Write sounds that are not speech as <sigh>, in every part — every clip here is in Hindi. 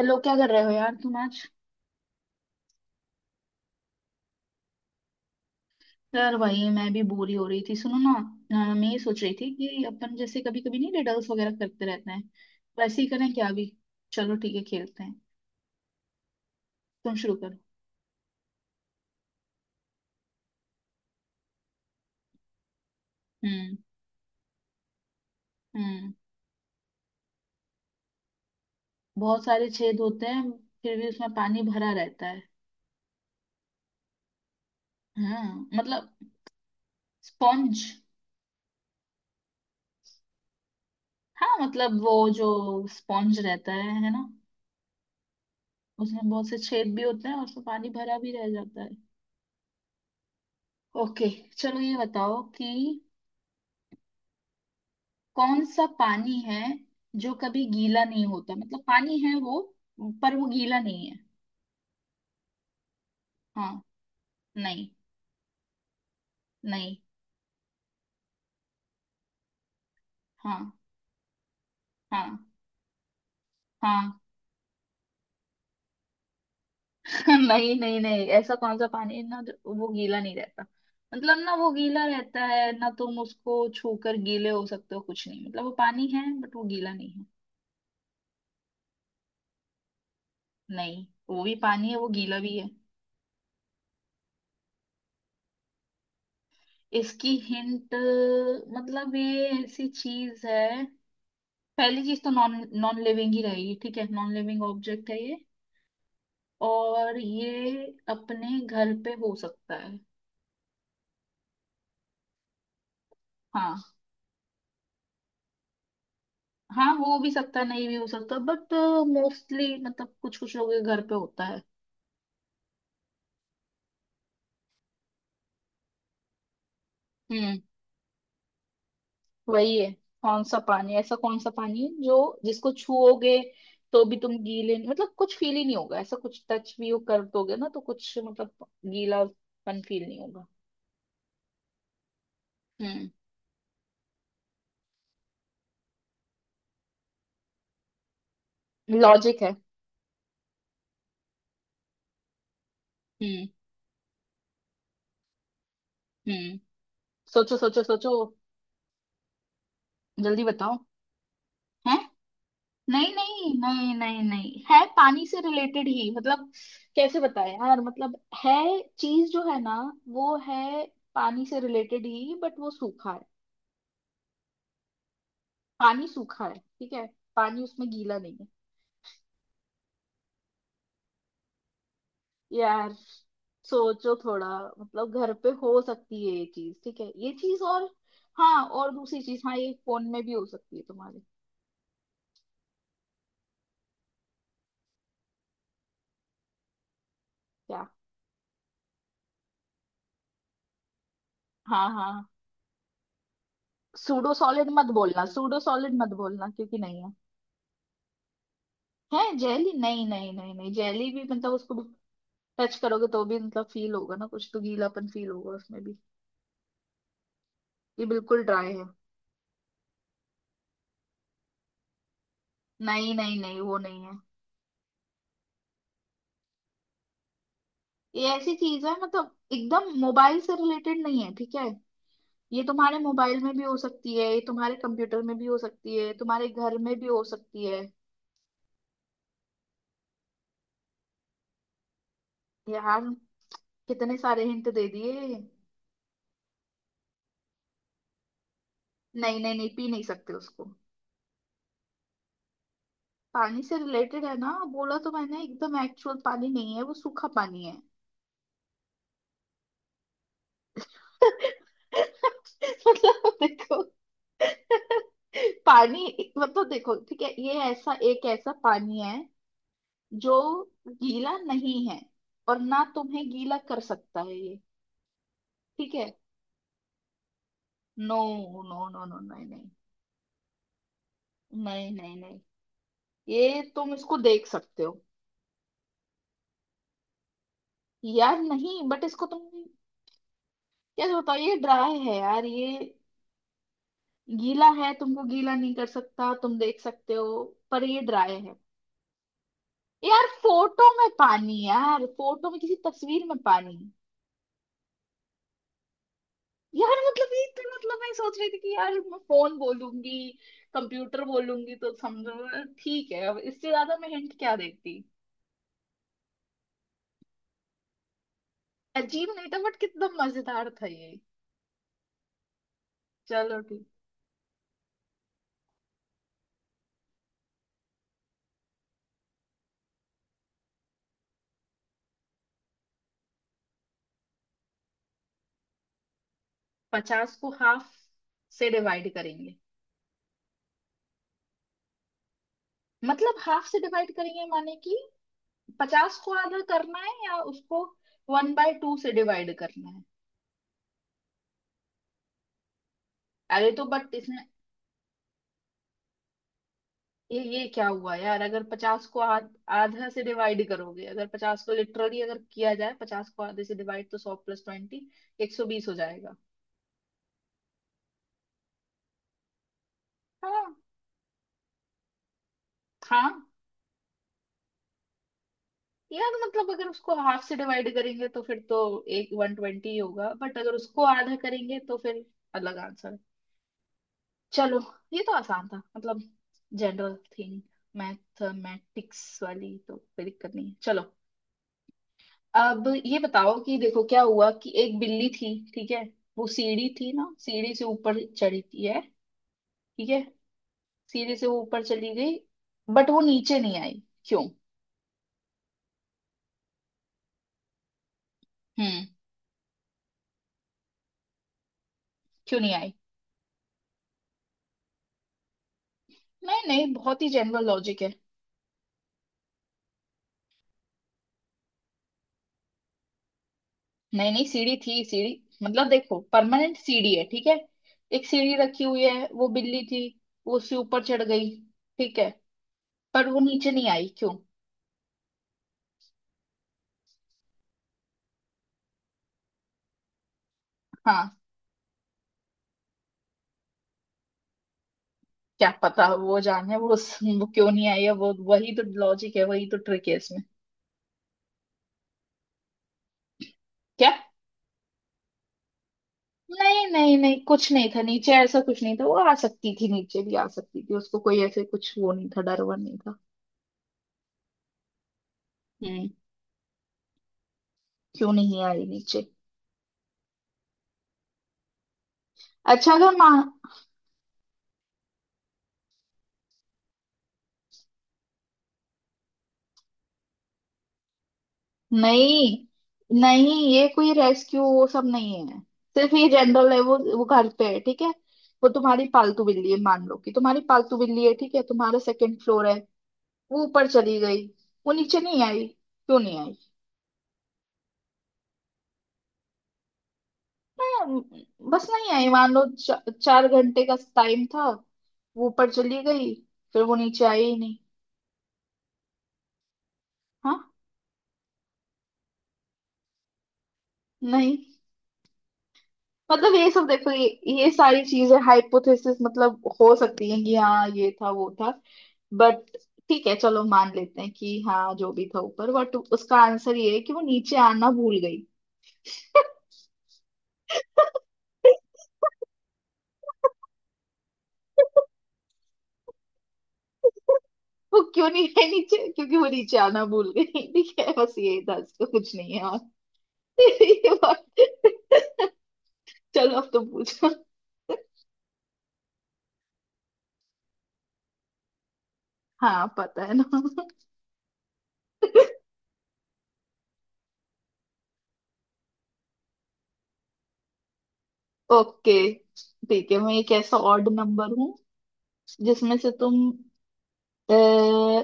हेलो, क्या कर रहे हो यार तुम आज? यार, वही मैं भी बोरी हो रही थी। सुनो ना। मैं ये सोच रही थी कि अपन जैसे कभी कभी नहीं, रिडल्स वगैरह करते रहते हैं। वैसे ही करें क्या अभी? चलो ठीक है, खेलते हैं। तुम शुरू करो। हम्म। हम्म। बहुत सारे छेद होते हैं, फिर भी उसमें पानी भरा रहता है। हाँ मतलब। स्पॉन्ज। हाँ मतलब, वो जो स्पॉन्ज रहता है ना। उसमें बहुत से छेद भी होते हैं, और उसमें पानी भरा भी रह जाता है। ओके। चलो ये बताओ कि कौन सा पानी है जो कभी गीला नहीं होता। मतलब पानी है वो, पर वो गीला नहीं है। हाँ। नहीं, नहीं। हाँ। हाँ, हाँ। <laughs> नहीं, नहीं, नहीं, ऐसा कौन सा पानी है ना, वो गीला नहीं रहता। मतलब ना वो गीला रहता है, ना तुम उसको छूकर गीले हो सकते हो कुछ नहीं। मतलब वो पानी है, बट वो गीला नहीं है। नहीं, वो भी पानी है, वो गीला भी है। इसकी हिंट, मतलब ये ऐसी चीज है। पहली चीज तो नॉन नॉन लिविंग ही रहेगी। ठीक है, नॉन लिविंग ऑब्जेक्ट है ये। और ये अपने घर पे हो सकता है। हाँ। हाँ, हो भी सकता है, नहीं भी हो सकता, बट मोस्टली मतलब कुछ कुछ लोगों के घर पे होता है। हम्म वही है। कौन सा पानी ऐसा कौन सा पानी है जो जिसको छुओगे तो भी तुम गीले, मतलब कुछ फील ही नहीं होगा। ऐसा कुछ टच भी वो कर दोगे ना तो कुछ मतलब गीलापन फील नहीं होगा। हम्म। लॉजिक है। हम्म। हम्म। सोचो, सोचो, सोचो। जल्दी बताओ। है। नहीं, नहीं, नहीं, नहीं, नहीं। है पानी से रिलेटेड ही, मतलब कैसे बताएं यार, मतलब है चीज जो है ना, वो है। पानी से रिलेटेड ही बट वो सूखा है। पानी सूखा है, ठीक है। पानी उसमें गीला नहीं है। यार, सोचो थोड़ा। मतलब घर पे हो सकती है ये चीज, ठीक है, ये चीज। और हाँ, और दूसरी चीज, हाँ, ये फोन में भी हो सकती है तुम्हारे। क्या? हाँ, हाँ। सूडो सॉलिड मत बोलना, सूडो सॉलिड मत बोलना, क्योंकि नहीं है। है जेली? नहीं, नहीं, नहीं, नहीं, जेली भी मतलब उसको भी टच करोगे तो भी मतलब फील होगा ना कुछ तो, गीलापन फील होगा उसमें भी। ये बिल्कुल ड्राई है। नहीं, नहीं, नहीं, वो नहीं है। ये ऐसी चीज है मतलब, एकदम मोबाइल से रिलेटेड नहीं है, ठीक है। ये तुम्हारे मोबाइल में भी हो सकती है, ये तुम्हारे कंप्यूटर में भी हो सकती है, तुम्हारे घर में भी हो सकती है। यार, कितने सारे हिंट दे दिए। नहीं, नहीं, नहीं, पी नहीं सकते उसको। पानी से रिलेटेड है ना बोला तो मैंने, एकदम एक्चुअल पानी नहीं है, वो सूखा पानी है। <laughs> मतलब देखो, पानी मतलब देखो, ठीक है, ये ऐसा एक ऐसा पानी है जो गीला नहीं है, और ना तुम्हें गीला कर सकता है ये। ठीक है। No, no, no, no. नहीं, नहीं, नहीं, नहीं, नहीं। ये तुम इसको देख सकते हो। यार नहीं, बट इसको तुम, कैसे बताओ, ये ड्राई है यार, ये गीला है, तुमको गीला नहीं कर सकता, तुम देख सकते हो, पर ये ड्राई है। यार फोटो में पानी, यार फोटो में, किसी तस्वीर में पानी। यार मतलब ये तो मतलब, मैं सोच रही थी कि यार मैं फोन बोलूंगी, कंप्यूटर बोलूंगी तो समझो, ठीक है, अब इससे ज्यादा मैं हिंट क्या देती। अजीब नहीं था बट कितना मजेदार था ये। चलो ठीक। 50 को हाफ से डिवाइड करेंगे। मतलब हाफ से डिवाइड करेंगे माने कि, 50 को आधा करना है, या उसको 1/2 से डिवाइड करना है। अरे तो बट इसमें। ये क्या हुआ यार, अगर 50 को आधा से डिवाइड करोगे, अगर 50 को लिटरली अगर किया जाए 50 को आधे से डिवाइड, तो 100 प्लस 20 120 हो जाएगा। हाँ, हाँ। यार मतलब, अगर उसको हाफ से डिवाइड करेंगे तो फिर तो एक 120 होगा, बट अगर उसको आधा करेंगे तो फिर अलग आंसर। चलो, ये तो आसान था मतलब, जनरल थिंग। मैथमेटिक्स वाली तो कोई दिक्कत नहीं है, चलो। अब ये बताओ कि देखो क्या हुआ कि एक बिल्ली थी। ठीक है। वो सीढ़ी थी ना, सीढ़ी से ऊपर चढ़ी थी, है। ठीक है। सीढ़ी से वो ऊपर चली गई, बट वो नीचे नहीं आई, क्यों? हम्म। क्यों नहीं आई? नहीं, नहीं, बहुत ही जनरल लॉजिक है। नहीं, नहीं, सीढ़ी थी सीढ़ी। मतलब देखो, परमानेंट सीढ़ी है, ठीक है। एक सीढ़ी रखी हुई है, वो बिल्ली थी। वो उससे ऊपर चढ़ गई। ठीक है। पर वो नीचे नहीं आई, क्यों? हाँ। क्या पता, वो जाने वो क्यों नहीं आई है वो। वही तो लॉजिक है, वही तो ट्रिक है इसमें। क्या? नहीं, नहीं, नहीं, कुछ नहीं था नीचे, ऐसा कुछ नहीं था, वो आ सकती थी, नीचे भी आ सकती थी, उसको कोई ऐसे कुछ वो नहीं था, डर वर नहीं था। हम्म। क्यों नहीं आई नीचे? अच्छा, अगर माँ। नहीं, नहीं, ये कोई रेस्क्यू वो सब नहीं है। सिर्फ ये जनरल है, वो घर पे है, ठीक है। वो तुम्हारी पालतू बिल्ली है, मान लो कि तुम्हारी पालतू बिल्ली है, ठीक है, तुम्हारा सेकंड फ्लोर है। वो ऊपर चली गई। वो नीचे नहीं आई, क्यों नहीं आई? मैं। बस नहीं आई, मान लो 4 घंटे का टाइम था। वो ऊपर चली गई। फिर वो नीचे आई ही नहीं। हाँ। नहीं मतलब ये सब देखो, ये सारी चीजें हाइपोथेसिस मतलब, हो सकती है कि हाँ ये था वो था, बट ठीक है, चलो मान लेते हैं कि हाँ, जो भी था ऊपर, बट उसका आंसर ये है कि वो नीचे आना भूल गई। <laughs> वो क्यों नहीं है नीचे, क्योंकि वो नीचे आना भूल गई। ठीक है, बस यही था, इसका कुछ नहीं है और। <laughs> चलो अब तो पूछो। हाँ पता है ना। ओके। ठीक है, मैं एक ऐसा ऑड नंबर हूँ जिसमें से तुम अ,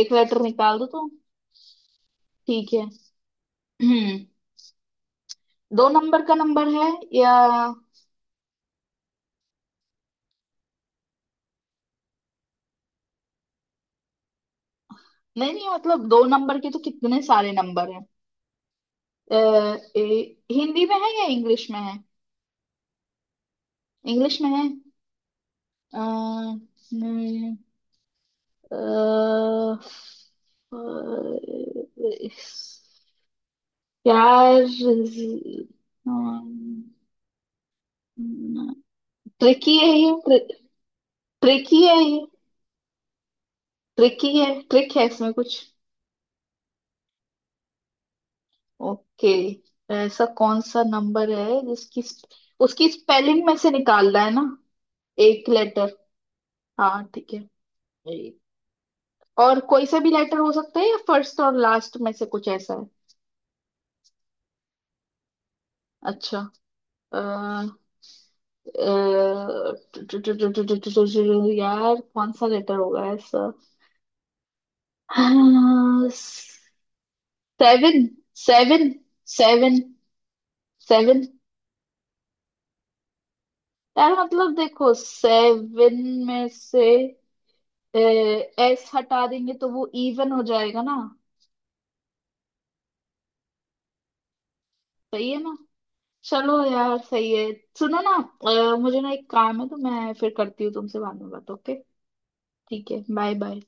एक लेटर निकाल दो तो। ठीक है। हम्म। दो नंबर का नंबर है, या नहीं, नहीं, मतलब दो नंबर के तो कितने सारे नंबर हैं। अ, ए- हिंदी में है या इंग्लिश में है अ, न- अ, अ, यार। ट्रिकी है ये। ट्रिकी है ये। ट्रिकी है, ट्रिक है इसमें कुछ। ओके। ऐसा कौन सा नंबर है जिसकी उसकी स्पेलिंग में से निकालना है ना? एक लेटर। हाँ, ठीक है। एक और कोई सा भी लेटर हो सकता है, या फर्स्ट और लास्ट में से कुछ ऐसा है? अच्छा, अ, अ, यार कौन सा लेटर होगा ऐसा। 7। 7। 7। 7। यार मतलब देखो, 7 में से एस हटा देंगे तो वो इवन हो जाएगा ना। सही है ना? चलो यार, सही है। सुनो ना। मुझे ना एक काम है तो मैं फिर करती हूँ तुमसे बाद में बात, ओके? ठीक है, बाय बाय।